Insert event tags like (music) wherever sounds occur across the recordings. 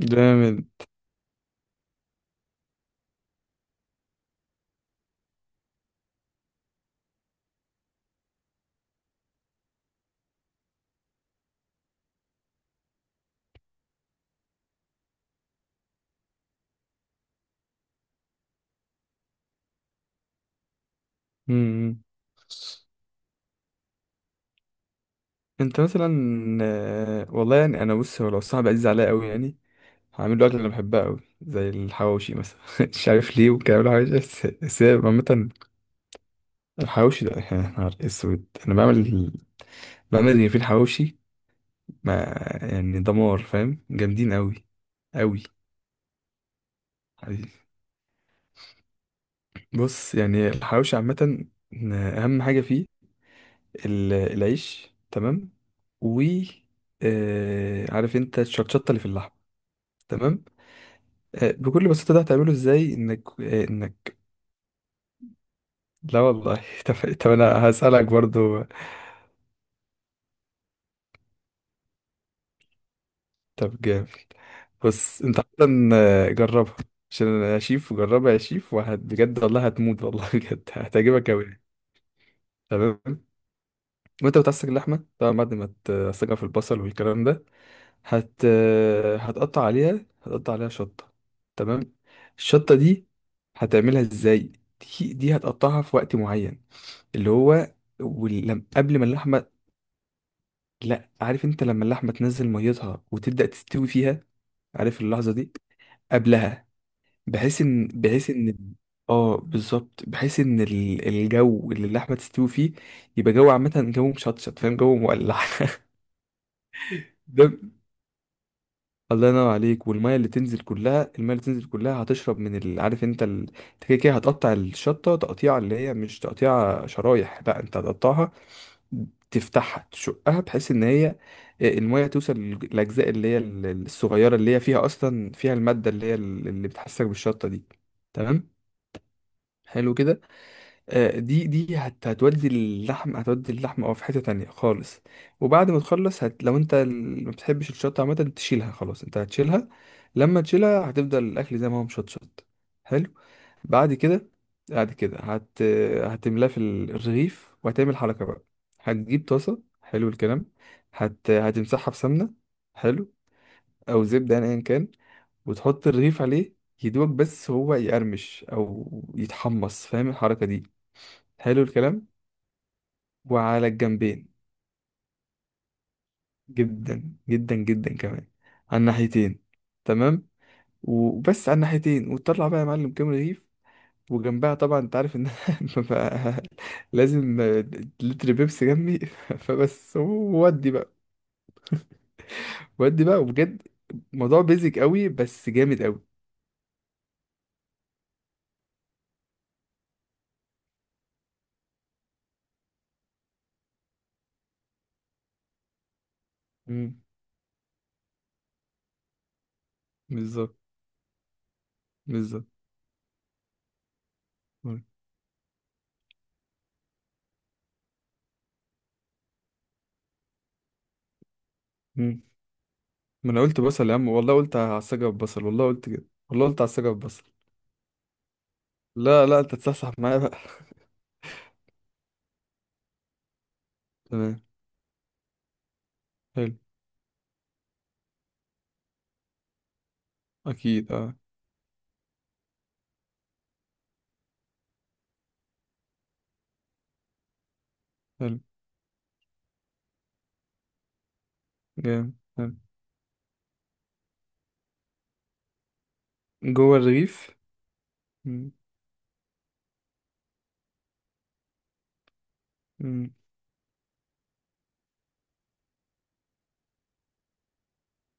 جامد. مم. انت مثلا. والله يعني انا بص هو لو صاحبي عزيز عليا قوي يعني هعمل له اكل انا بحبها قوي زي الحواوشي مثلا (laughs) مش عارف ليه وكلام الحواوشي بس هي عامه. الحواوشي ده يا نهار اسود انا بعمل اللي في الحواوشي ما يعني دمار، فاهم؟ جامدين قوي. قوي حبيبي. بص يعني الحواوشي عامه اهم حاجه فيه العيش، تمام. و عارف انت الشطشطه اللي في اللحم، تمام. بكل بساطه ده هتعمله ازاي انك. لا والله (laughs) طب، طب انا هسالك برضو. طب جامد. بص انت اصلا جربها، عشان انا شيف. وجربها يا شيف، وهت بجد والله هتموت والله (laughs) بجد هتعجبك قوي. تمام. وانت بتعصج اللحمه طبعا، بعد ما تعصجها في البصل والكلام ده هت هتقطع عليها شطة. تمام. الشطة دي هتعملها ازاي؟ دي هتقطعها في وقت معين، اللي هو قبل ما اللحمة. لا، عارف انت لما اللحمة تنزل ميتها وتبدأ تستوي فيها؟ عارف اللحظة دي؟ قبلها، بحيث ان اه بالظبط، بحيث ان الجو اللي اللحمة تستوي فيه يبقى جو عامة، جو مشطشط، فاهم؟ جو مولع. (laughs) ده الله ينور عليك. والميه اللي تنزل كلها، الميه اللي تنزل كلها هتشرب من عارف انت انت كده كده هتقطع الشطه تقطيعه، اللي هي مش تقطيعه شرايح، لا، انت هتقطعها تفتحها تشقها بحيث ان هي الميه توصل للاجزاء اللي هي الصغيره، اللي هي فيها اصلا فيها الماده اللي هي اللي بتحسك بالشطه دي. تمام. حلو كده. دي هتودي اللحم اه في حتة تانية خالص. وبعد ما تخلص لو انت ما بتحبش الشطة عامة تشيلها، خلاص، انت هتشيلها. لما تشيلها هتفضل الأكل زي ما هو مشطشط. حلو. بعد كده، بعد كده هت هتملاه في الرغيف، وهتعمل حركة بقى. هتجيب طاسة، حلو الكلام، هتمسحها بسمنة. حلو. أو زبدة يعني، أيا كان. وتحط الرغيف عليه يدوق، بس هو يقرمش أو يتحمص، فاهم الحركة دي؟ حلو الكلام. وعلى الجنبين. جدا جدا جدا كمان. على الناحيتين. تمام. وبس على الناحيتين، وتطلع بقى يا معلم كام رغيف. وجنبها طبعا، انت عارف ان أنا (laughs) ببقى لازم لتر بيبسي جنبي (laughs) فبس، ودي بقى. ودي بقى، وبجد موضوع بيزك قوي، بس جامد قوي. مم. بالظبط. بالظبط. مم. مم. ما انا قلت بصل يا عم، والله قلت هعصجها ببصل، والله قلت كده. والله قلت هعصجها ببصل. لا لا، انت تصحصح معايا بقى. تمام. حلو. اكيد اه. حلو. جامد، حلو. جوه الرغيف. مم. مم.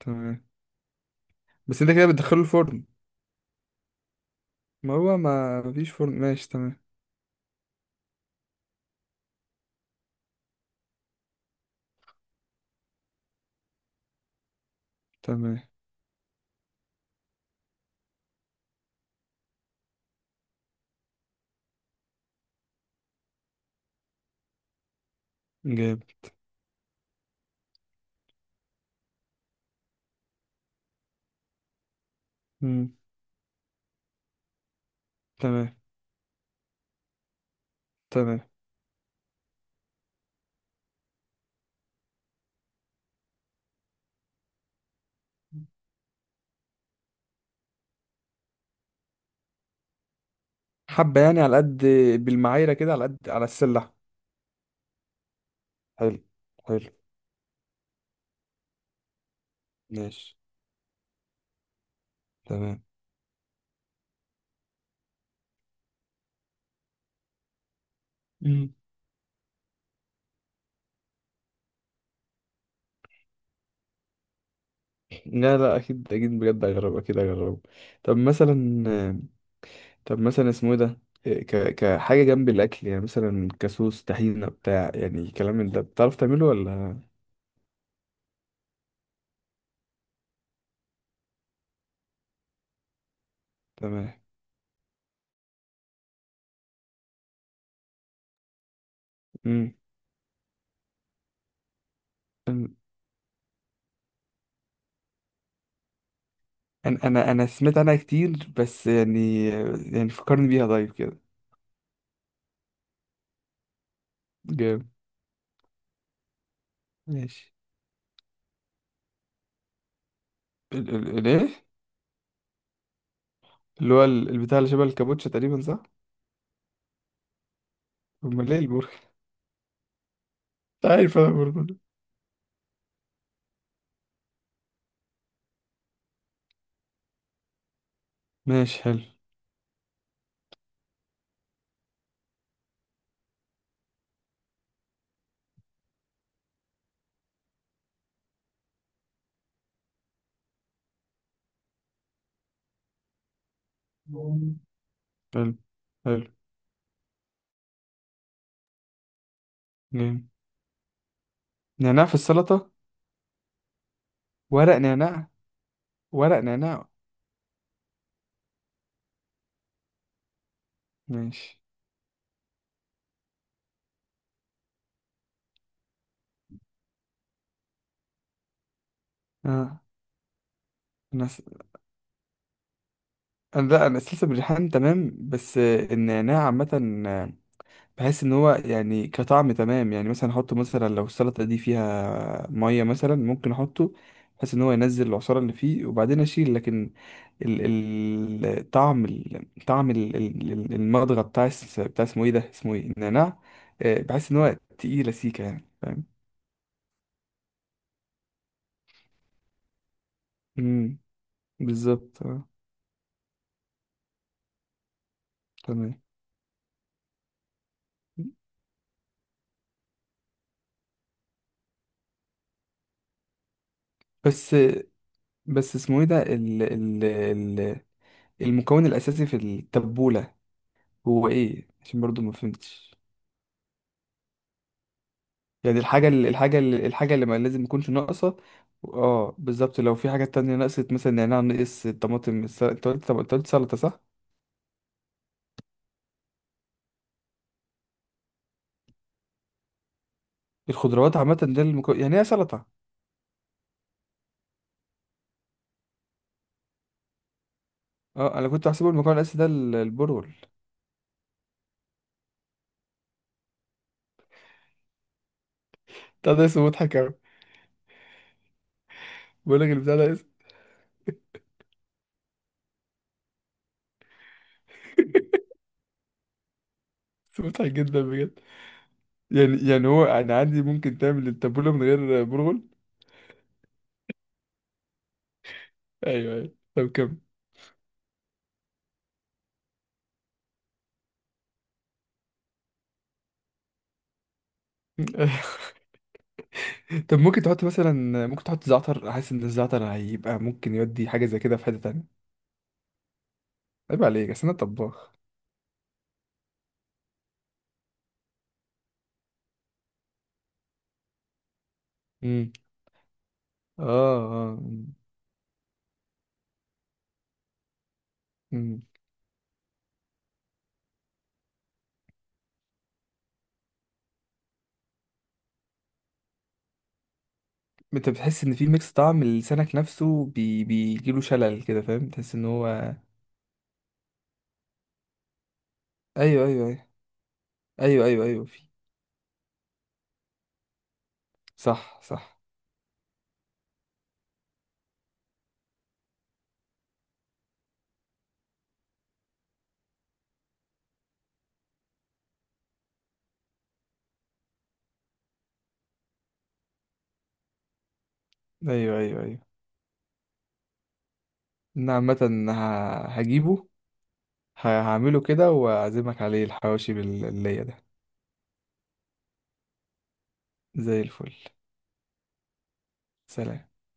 تمام. بس انت كده بتدخله الفرن؟ ما هو ما مفيش فرن، ماشي، تمام. تمام. جامد. مم. تمام. تمام. حبة يعني، على قد. بالمعايرة كده، على قد، على السلة. حلو. حلو. ماشي. تمام. مم. لا لا، اكيد اكيد، بجد اجرب، اكيد اجرب. طب مثلا. طب مثلا اسمه ايه ده؟ كحاجة جنب الأكل يعني، مثلا كسوس طحينة بتاع، يعني كلام من ده، بتعرف تعمله ولا؟ تمام. مم. انا سمعت عنها كتير، بس يعني، يعني فكرني بيها طيب كده. جامد. ماشي. ال ال الايه اللي هو البتاع اللي شبه الكابوتشا تقريبا، صح؟ امال ايه البرجر؟ (laughs) مش عارف انا برضه ده. ماشي، حلو. حلو. حلو. جامد. نعناع في السلطة؟ ورق نعناع. ورق نعناع. ماشي. اه انا س... لا انا سلسة بالريحان، تمام. بس النعناع عامة، بحس ان هو يعني كطعم تمام. يعني مثلا احطه، مثلا لو السلطه دي فيها ميه مثلا ممكن احطه، بحيث ان هو ينزل العصاره اللي فيه وبعدين اشيل. لكن ال ال طعم ال طعم ال ال ال- المضغه بتاع بتاع اسمه ايه النعناع. بحس ان هو تقيله سيكه يعني، فاهم. امم. بالظبط، اه. تمام. بس بس اسمه ايه ده ال ال ال المكون الاساسي في التبوله، هو ايه؟ عشان برضو ما فهمتش. يعني الحاجة اللي، الحاجة اللي ما لازم يكونش ناقصة. اه بالظبط. لو في حاجات تانية نقصت، مثلا نعناع نقص، الطماطم، انت قلت سلطة صح؟ الخضروات عامة ده المكون، يعني ايه سلطة؟ اه، انا كنت بحسبه المكون الاساسي ده البرغل. بتاع ده اسمه مضحك اوي. بقول لك البتاع ده اسمه. (laughs) اسمه مضحك جدا بجد. يعني هو انا عندي ممكن تعمل التابولة من غير برغل؟ ايوه ايوه، طب كم؟ (laughs) طب ممكن تحط مثلا، ممكن تحط زعتر؟ احس ان الزعتر هيبقى ممكن يودي حاجة زي كده في حتة تانية. عيب عليك، اصل انا طباخ. امم. اه اه. امم. انت بتحس ان في ميكس، طعم لسانك نفسه بيجيله شلل كده، فاهم؟ تحس ان هو. ايوه ايوه ايوه ايوه ايوه ايوه، في. صح صح. ايوه ايوه ايوه. انا عامه هجيبه. هعمله كده واعزمك عليه الحواوشي باللية ده. زي الفل. سلام.